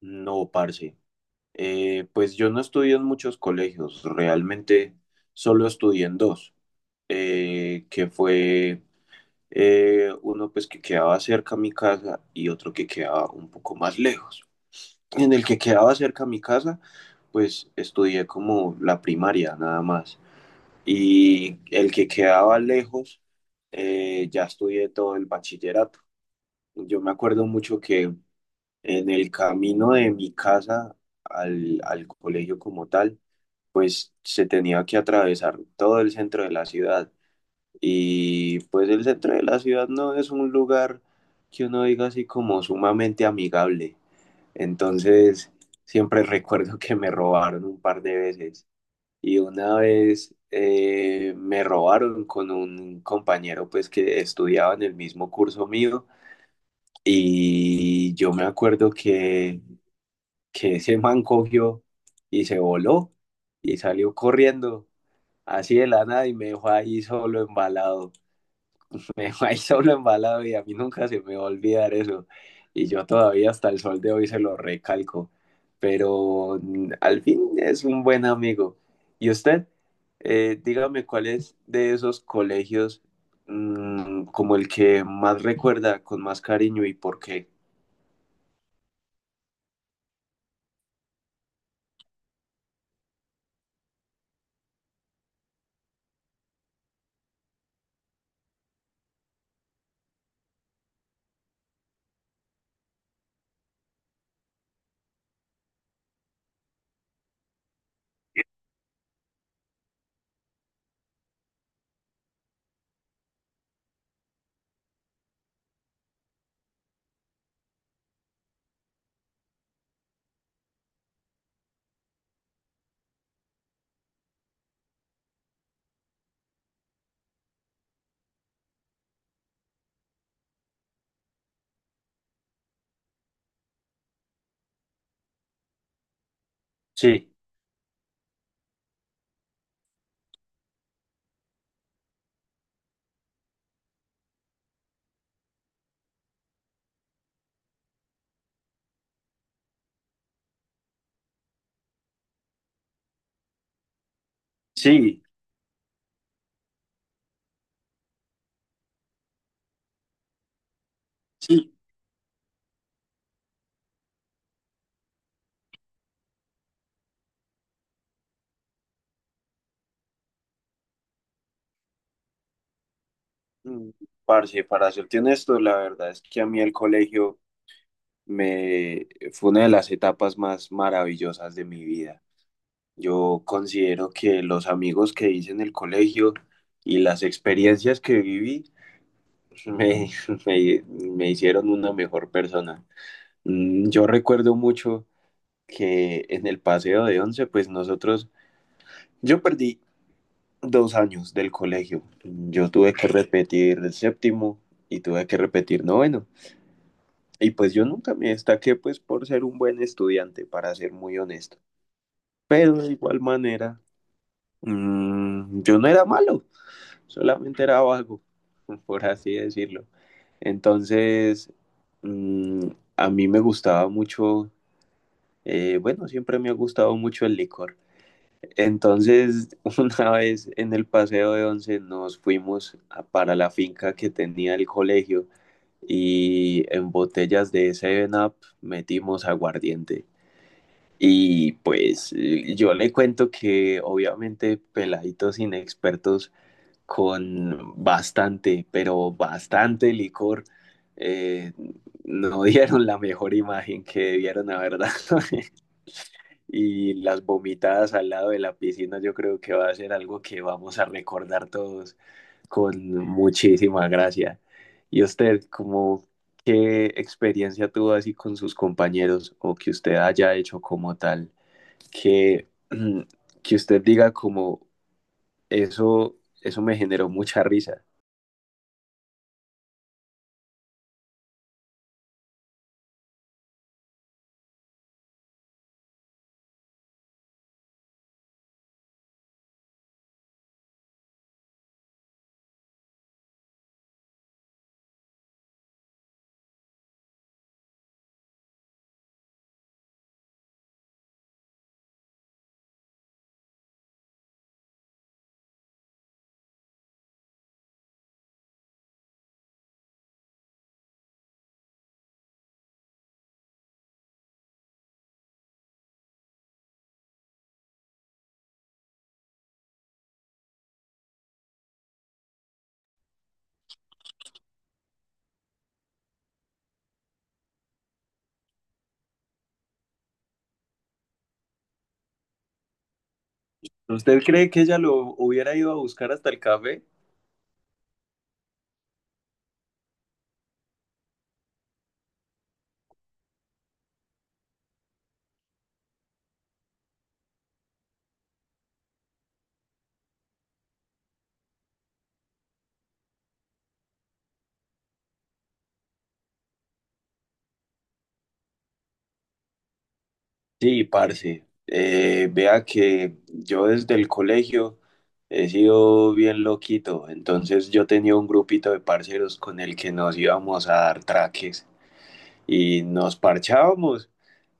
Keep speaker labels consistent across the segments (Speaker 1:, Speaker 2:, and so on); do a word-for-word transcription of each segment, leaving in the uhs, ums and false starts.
Speaker 1: No, parce. Eh, pues yo no estudié en muchos colegios, realmente solo estudié en dos, eh, que fue eh, uno pues que quedaba cerca a mi casa y otro que quedaba un poco más lejos. En el que quedaba cerca a mi casa, pues estudié como la primaria nada más. Y el que quedaba lejos, eh, ya estudié todo el bachillerato. Yo me acuerdo mucho que en el camino de mi casa al, al colegio como tal, se tenía que atravesar todo el centro de la ciudad. Y pues el centro de la ciudad no es un lugar que uno diga así como sumamente amigable. Entonces, siempre recuerdo que me robaron un par de veces. Y una vez eh, me robaron con un compañero pues que estudiaba en el mismo curso mío. Y yo me acuerdo que que ese man cogió y se voló y salió corriendo así de la nada y me dejó ahí solo embalado. Me dejó ahí solo embalado y a mí nunca se me va a olvidar eso. Y yo todavía hasta el sol de hoy se lo recalco. Pero mm, al fin es un buen amigo. ¿Y usted? Eh, dígame cuál es de esos colegios mm, como el que más recuerda con más cariño y por qué. Sí, sí, sí. Mm, parce, para serte honesto, la verdad es que a mí el colegio me fue una de las etapas más maravillosas de mi vida. Yo considero que los amigos que hice en el colegio y las experiencias que viví me, me- me hicieron una mejor persona. Mm, Yo recuerdo mucho que en el paseo de once, pues nosotros, yo perdí dos años del colegio. Yo tuve que repetir el séptimo y tuve que repetir noveno. Y pues yo nunca me destaqué pues por ser un buen estudiante, para ser muy honesto. Pero de igual manera, mm, yo no era malo, solamente era vago, por así decirlo. Entonces, mm, a mí me gustaba mucho, eh, bueno, siempre me ha gustado mucho el licor. Entonces, una vez en el paseo de once nos fuimos a- para la finca que tenía el colegio y en botellas de Seven up metimos aguardiente. Y pues eh, yo le cuento que obviamente peladitos inexpertos con bastante, pero bastante licor, eh, no dieron la mejor imagen que debieron haber dado. Y las vomitadas al lado de la piscina, yo creo que va a ser algo que vamos a recordar todos con muchísima gracia. ¿Y usted, como qué experiencia tuvo así con sus compañeros o que usted haya hecho como tal, que, que usted diga como eso, eso me generó mucha risa? ¿Usted cree que ella lo hubiera ido a buscar hasta el café? Sí, parce. Eh, vea que yo desde el colegio he sido bien loquito, entonces yo tenía un grupito de parceros con el que nos íbamos a dar traques y nos parchábamos,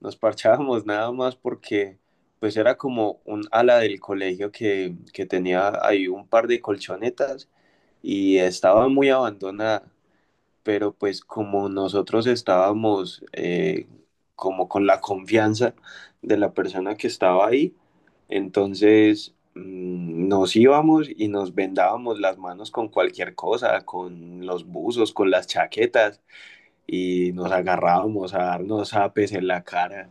Speaker 1: nos parchábamos nada más porque pues era como un ala del colegio que, que tenía ahí un par de colchonetas y estaba muy abandonada, pero pues como nosotros estábamos eh, como con la confianza de la persona que estaba ahí, entonces mm, nos íbamos y nos vendábamos las manos con cualquier cosa, con los buzos, con las chaquetas y nos agarrábamos a darnos apes en la cara.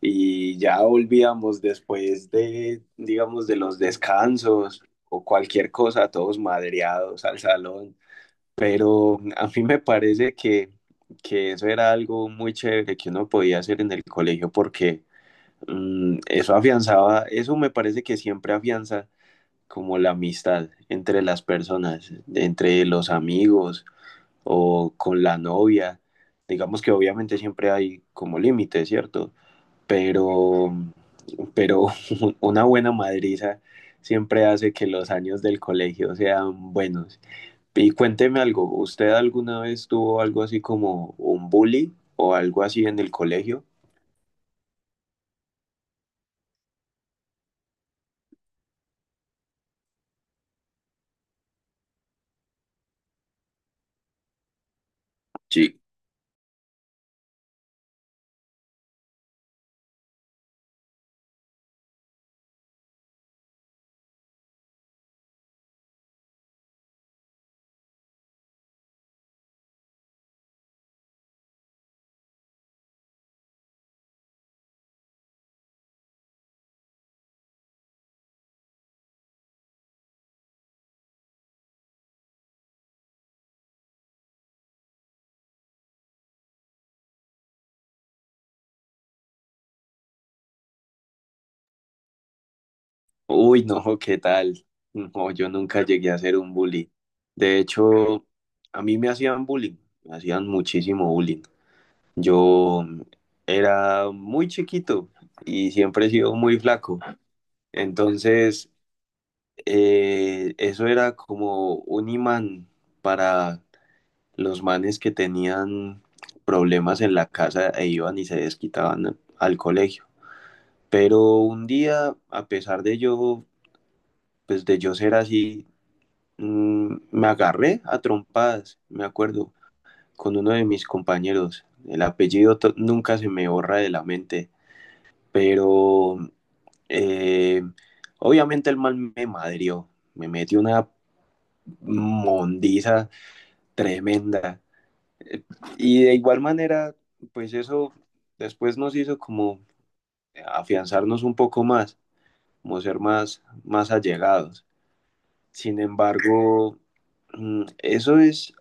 Speaker 1: Y ya volvíamos después de, digamos, de los descansos o cualquier cosa, todos madreados al salón, pero a mí me parece que, que eso era algo muy chévere que uno podía hacer en el colegio porque mm, eso afianzaba, eso me parece que siempre afianza como la amistad entre las personas, entre los amigos o con la novia. Digamos que obviamente siempre hay como límites, ¿cierto? Pero, pero una buena madriza siempre hace que los años del colegio sean buenos. Y cuénteme algo, ¿usted alguna vez tuvo algo así como un bully o algo así en el colegio? Sí. Uy, no, ¿qué tal? No, yo nunca llegué a ser un bully. De hecho, a mí me hacían bullying, me hacían muchísimo bullying. Yo era muy chiquito y siempre he sido muy flaco. Entonces, eh, eso era como un imán para los manes que tenían problemas en la casa e iban y se desquitaban al colegio. Pero un día, a pesar de yo, pues de yo ser así, mm, me agarré a trompadas, me acuerdo, con uno de mis compañeros. El apellido to- nunca se me borra de la mente, pero eh, obviamente el mal me madrió, me metió una mondiza tremenda. Eh, Y de igual manera, pues eso después nos hizo como afianzarnos un poco más, como ser más, más allegados. Sin embargo, mm, eso es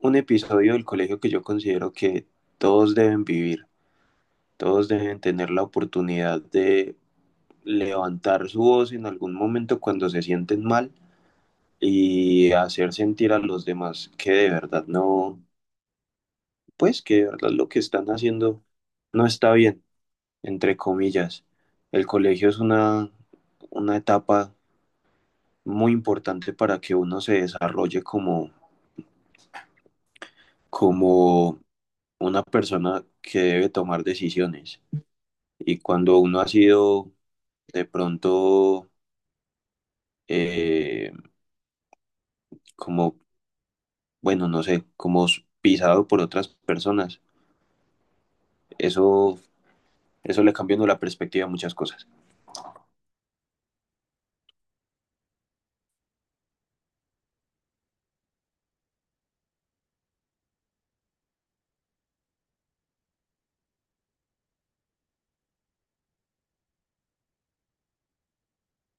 Speaker 1: un episodio del colegio que yo considero que todos deben vivir, todos deben tener la oportunidad de levantar su voz en algún momento cuando se sienten mal y hacer sentir a los demás que de verdad no, pues que de verdad lo que están haciendo no está bien, entre comillas. El colegio es una, una etapa muy importante para que uno se desarrolle como, como una persona que debe tomar decisiones. Y cuando uno ha sido de pronto eh, como, bueno, no sé, como pisado por otras personas, eso, eso le cambia a uno la perspectiva a muchas cosas.